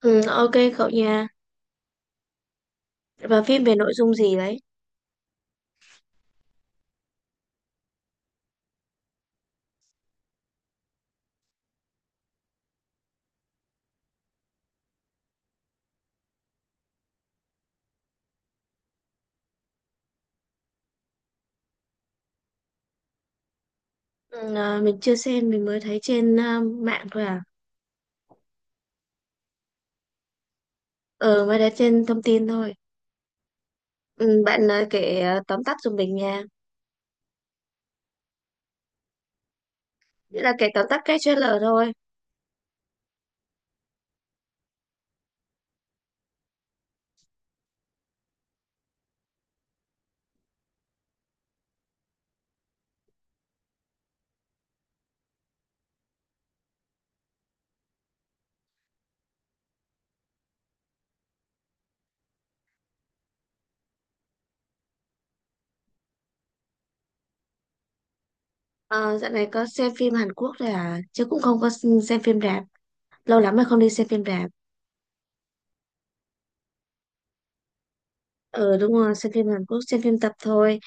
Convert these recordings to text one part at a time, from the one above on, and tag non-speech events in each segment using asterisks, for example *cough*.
Ừ, ok cậu nha. Và phim về nội dung gì đấy? Ừ, à, mình chưa xem, mình mới thấy trên à, mạng thôi à. Ờ, mới thấy trên thông tin thôi. Ừ, bạn à, kể à, tóm tắt giùm mình nha. Nghĩa là kể tóm tắt cái trailer thôi. Ờ, dạo này có xem phim Hàn Quốc rồi à? Chứ cũng không có xem phim rạp. Lâu lắm rồi không đi xem phim rạp. Ờ, đúng rồi, xem phim Hàn Quốc, xem phim tập thôi.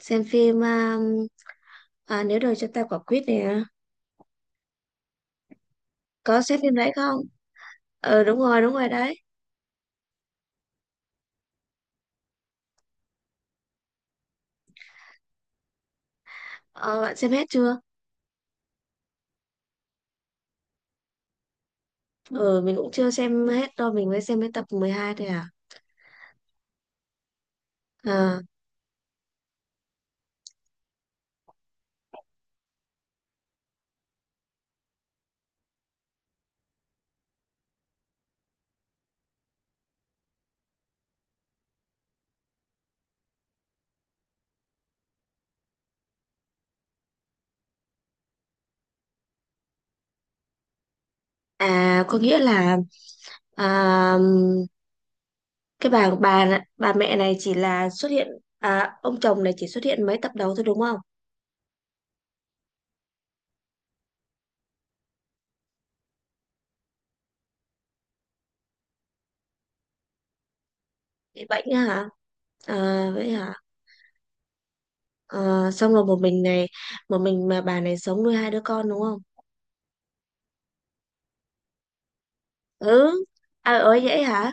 Xem phim à, à, Nếu đời cho ta quả quýt nè. Có xem phim đấy không? Ờ, đúng rồi đấy. Ờ, bạn xem hết chưa? Ừ, mình cũng chưa xem hết đâu, mình mới xem đến tập 12 thôi à. À, à có nghĩa là à, cái bà mẹ này chỉ là xuất hiện à, ông chồng này chỉ xuất hiện mấy tập đầu thôi đúng không? Bị bệnh á hả? À, vậy hả? À, xong rồi một mình này, một mình mà bà này sống nuôi hai đứa con đúng không? Ừ. À ơi vậy hả?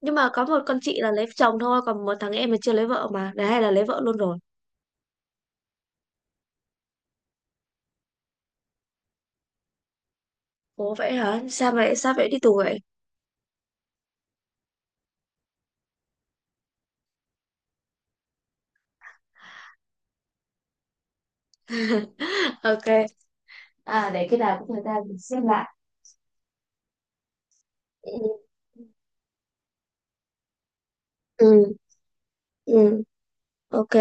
Nhưng mà có một con chị là lấy chồng thôi, còn một thằng em mà chưa lấy vợ mà, đấy hay là lấy vợ luôn rồi. Ủa vậy hả? Sao vậy? Sao vậy đi tù vậy? *laughs* Ok. À, để khi nào có thời gian mình xem lại. Ừ, ừ, ừ, ok.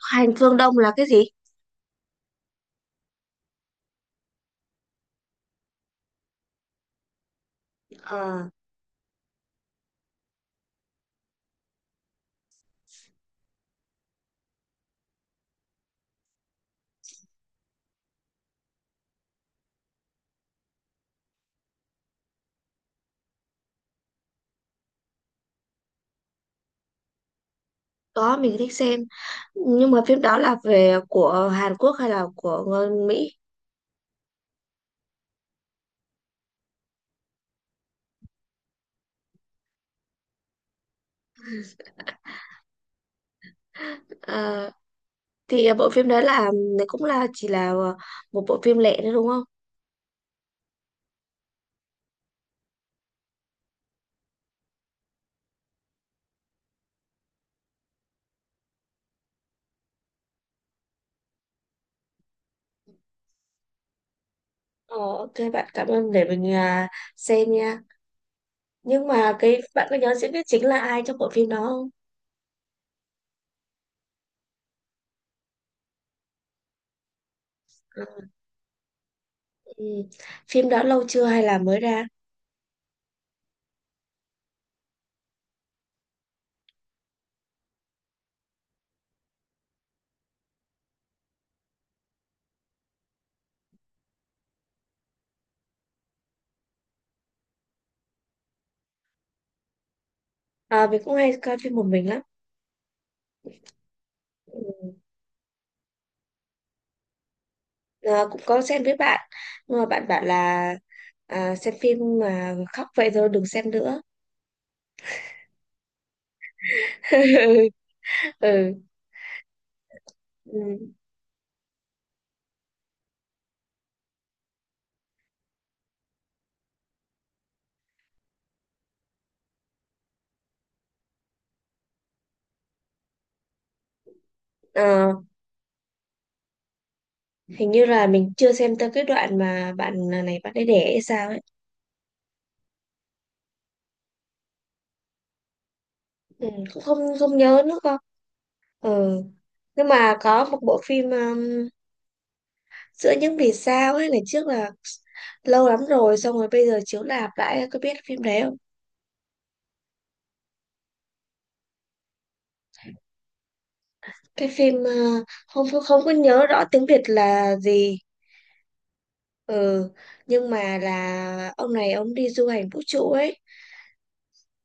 Hành Phương Đông là cái gì? Ờ, có mình thích xem, nhưng mà phim đó là về của Hàn Quốc hay là của người Mỹ? Ờ, thì bộ phim đấy là cũng là chỉ là một bộ phim lẻ nữa đúng không? Ờ, ok bạn, cảm ơn, để mình à, xem nha. Nhưng mà cái bạn có nhớ diễn viên chính là ai trong bộ phim đó không? Ừ. Phim đó lâu chưa hay là mới ra? À, mình cũng hay coi phim một mình lắm. Ừ. Ờ, cũng có xem với bạn, nhưng mà bạn bảo là à, xem phim mà khóc vậy thôi đừng xem nữa. *laughs* Ừ. Ừ. Ờ, hình như là mình chưa xem tới cái đoạn mà bạn ờ, này bạn ấy đẻ hay sao ấy. Ừ. Cũng không không nhớ nữa con. Ừ. Nhưng mà có một bộ phim giữa những vì sao ấy, ngày trước là lâu lắm rồi, xong rồi bây giờ chiếu lạp lại, có biết phim đấy không? Cái phim ờ, không không không có nhớ rõ tiếng Việt là gì. Ừ, nhưng mà là ông này ông đi du hành vũ trụ ấy,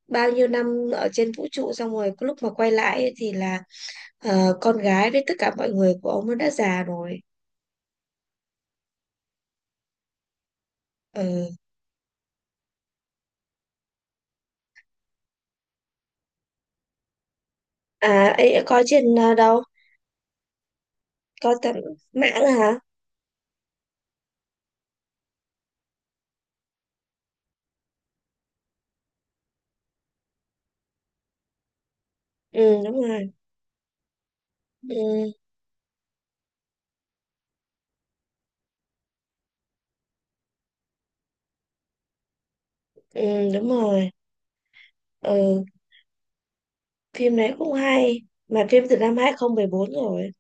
bao nhiêu năm ở trên vũ trụ xong rồi cái lúc mà quay lại ấy, thì là ờ, con gái với tất cả mọi người của ông nó đã già rồi. Ừ. À, ấy có trên ờ, đâu? Có tận mạng hả? Ừ, đúng rồi. Ừ, ừ, đúng rồi. Ừ, phim đấy cũng hay. Mà phim từ năm 2014 rồi.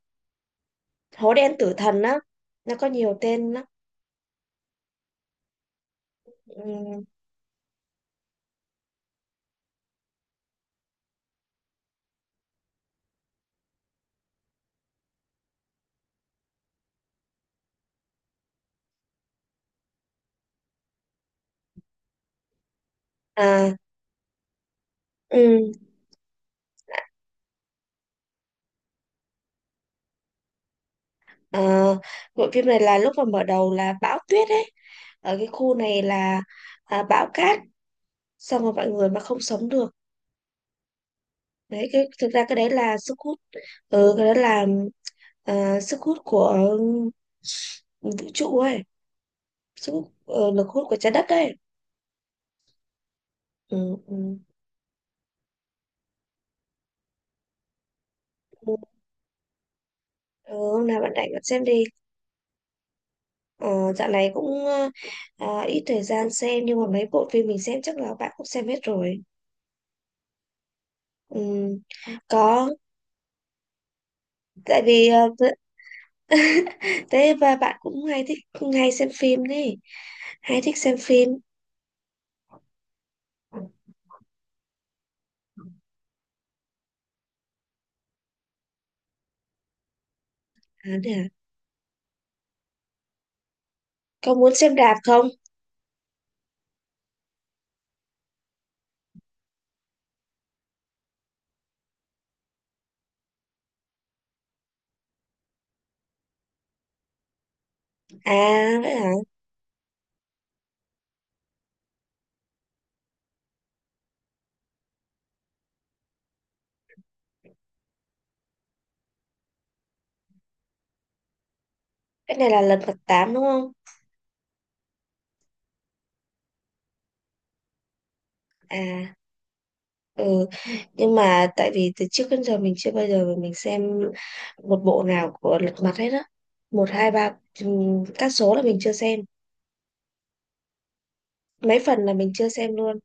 Hố đen tử thần á, nó có nhiều tên lắm. Ừ. À, ừ. Ờ, bộ phim này là lúc mà mở đầu là bão tuyết ấy, ở cái khu này là à, bão cát, xong rồi mọi người mà không sống được. Đấy, cái thực ra cái đấy là sức hút. Ừ, cái đó là à, sức hút của ừ, vũ trụ ấy, sức hút ờ, lực hút của trái đất ấy. Ừ, ừ. Ừ, hôm nào bạn rảnh bạn xem đi. Ờ, dạo này cũng ờ, à, ít thời gian xem, nhưng mà mấy bộ phim mình xem chắc là bạn cũng xem hết rồi. Ừ. Có, tại vì ờ, *laughs* thế và bạn cũng hay thích, hay xem phim đấy, hay thích xem phim. À, thế à? Có muốn xem đạp không? À, vậy hả? Cái này là lần mặt 8 đúng không? À, ừ. Nhưng mà tại vì từ trước đến giờ mình chưa bao giờ mình xem một bộ nào của Lật Mặt hết á. Một, hai, ba, các số là mình chưa xem. Mấy phần là mình chưa xem luôn.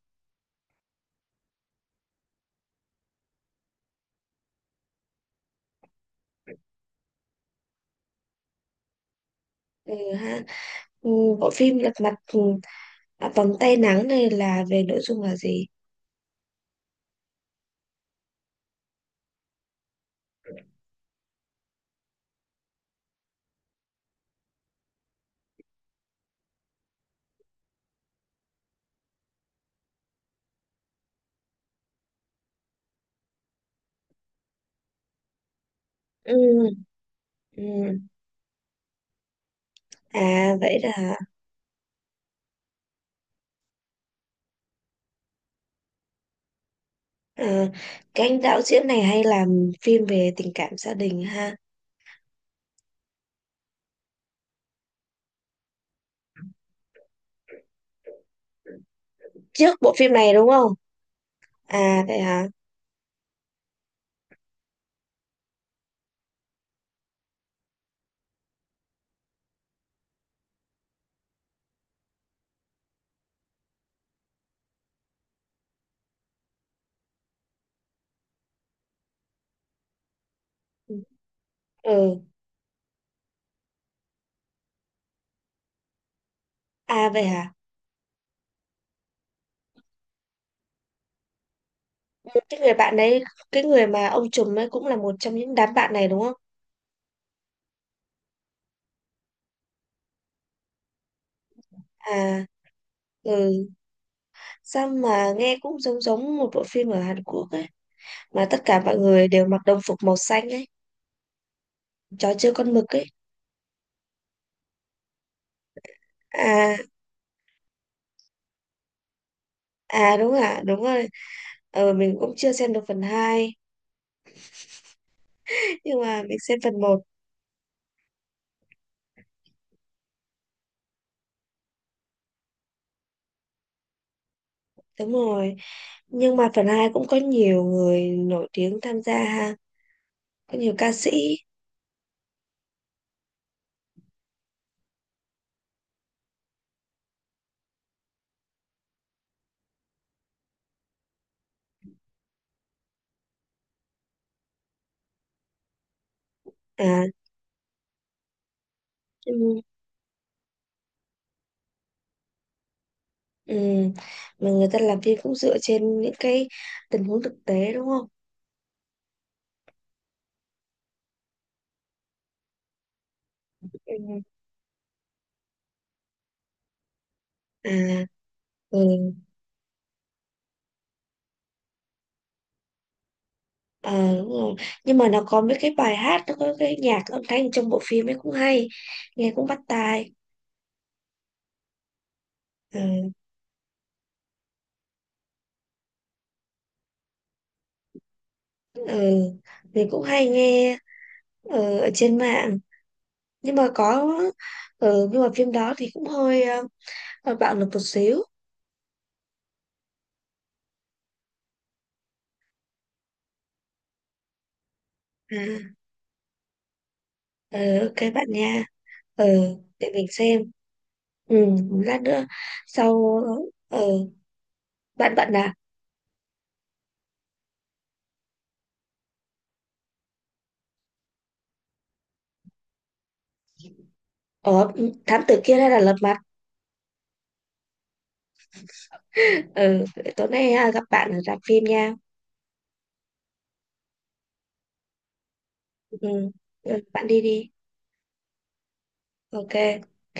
Ừ, ha. Ừ, bộ phim Lật Mặt ừ, à, Vòng Tay Nắng này là về nội dung là gì? Ừ, ừ. À, vậy đó hả? À, cái anh đạo diễn này hay làm phim về tình cảm gia đình ha. Trước bộ phim này đúng không? À vậy hả? Ừ, à vậy hả? Ừ, cái người bạn đấy, cái người mà ông trùm ấy cũng là một trong những đám bạn này đúng không? À, ừ. Sao mà nghe cũng giống giống một bộ phim ở Hàn Quốc ấy. Mà tất cả mọi người đều mặc đồng phục màu xanh ấy. Chó chơi con mực ấy. À, à đúng ạ, đúng rồi. Ờ, mình cũng chưa xem được phần hai. *laughs* Nhưng mà mình xem phần một. Đúng rồi. Nhưng mà phần hai cũng có nhiều người nổi tiếng tham gia ha, có nhiều ca sĩ. À, nhưng, ừ, mà người ta làm phim cũng dựa trên những cái tình huống thực tế đúng không? Ừ. À, ừ. Ờ, đúng rồi. Nhưng mà nó có mấy cái bài hát, nó có cái nhạc âm thanh trong bộ phim ấy cũng hay, nghe cũng bắt tai. Ừ. Ừ. Mình cũng hay nghe ờ, ở trên mạng nhưng mà có. Ừ. Nhưng mà phim đó thì cũng hơi ờ, bạo lực một xíu. À, ừ, ok bạn nha. Ừ, để mình xem. Ừ, lát nữa. Sau. Ừ, bạn bận à? Ờ, thám tử kia, đây là Lật Mặt. Ừ, tối nay à, gặp bạn ở rạp phim nha. Ừ. Ừ, bạn đi đi. Ok. Ok.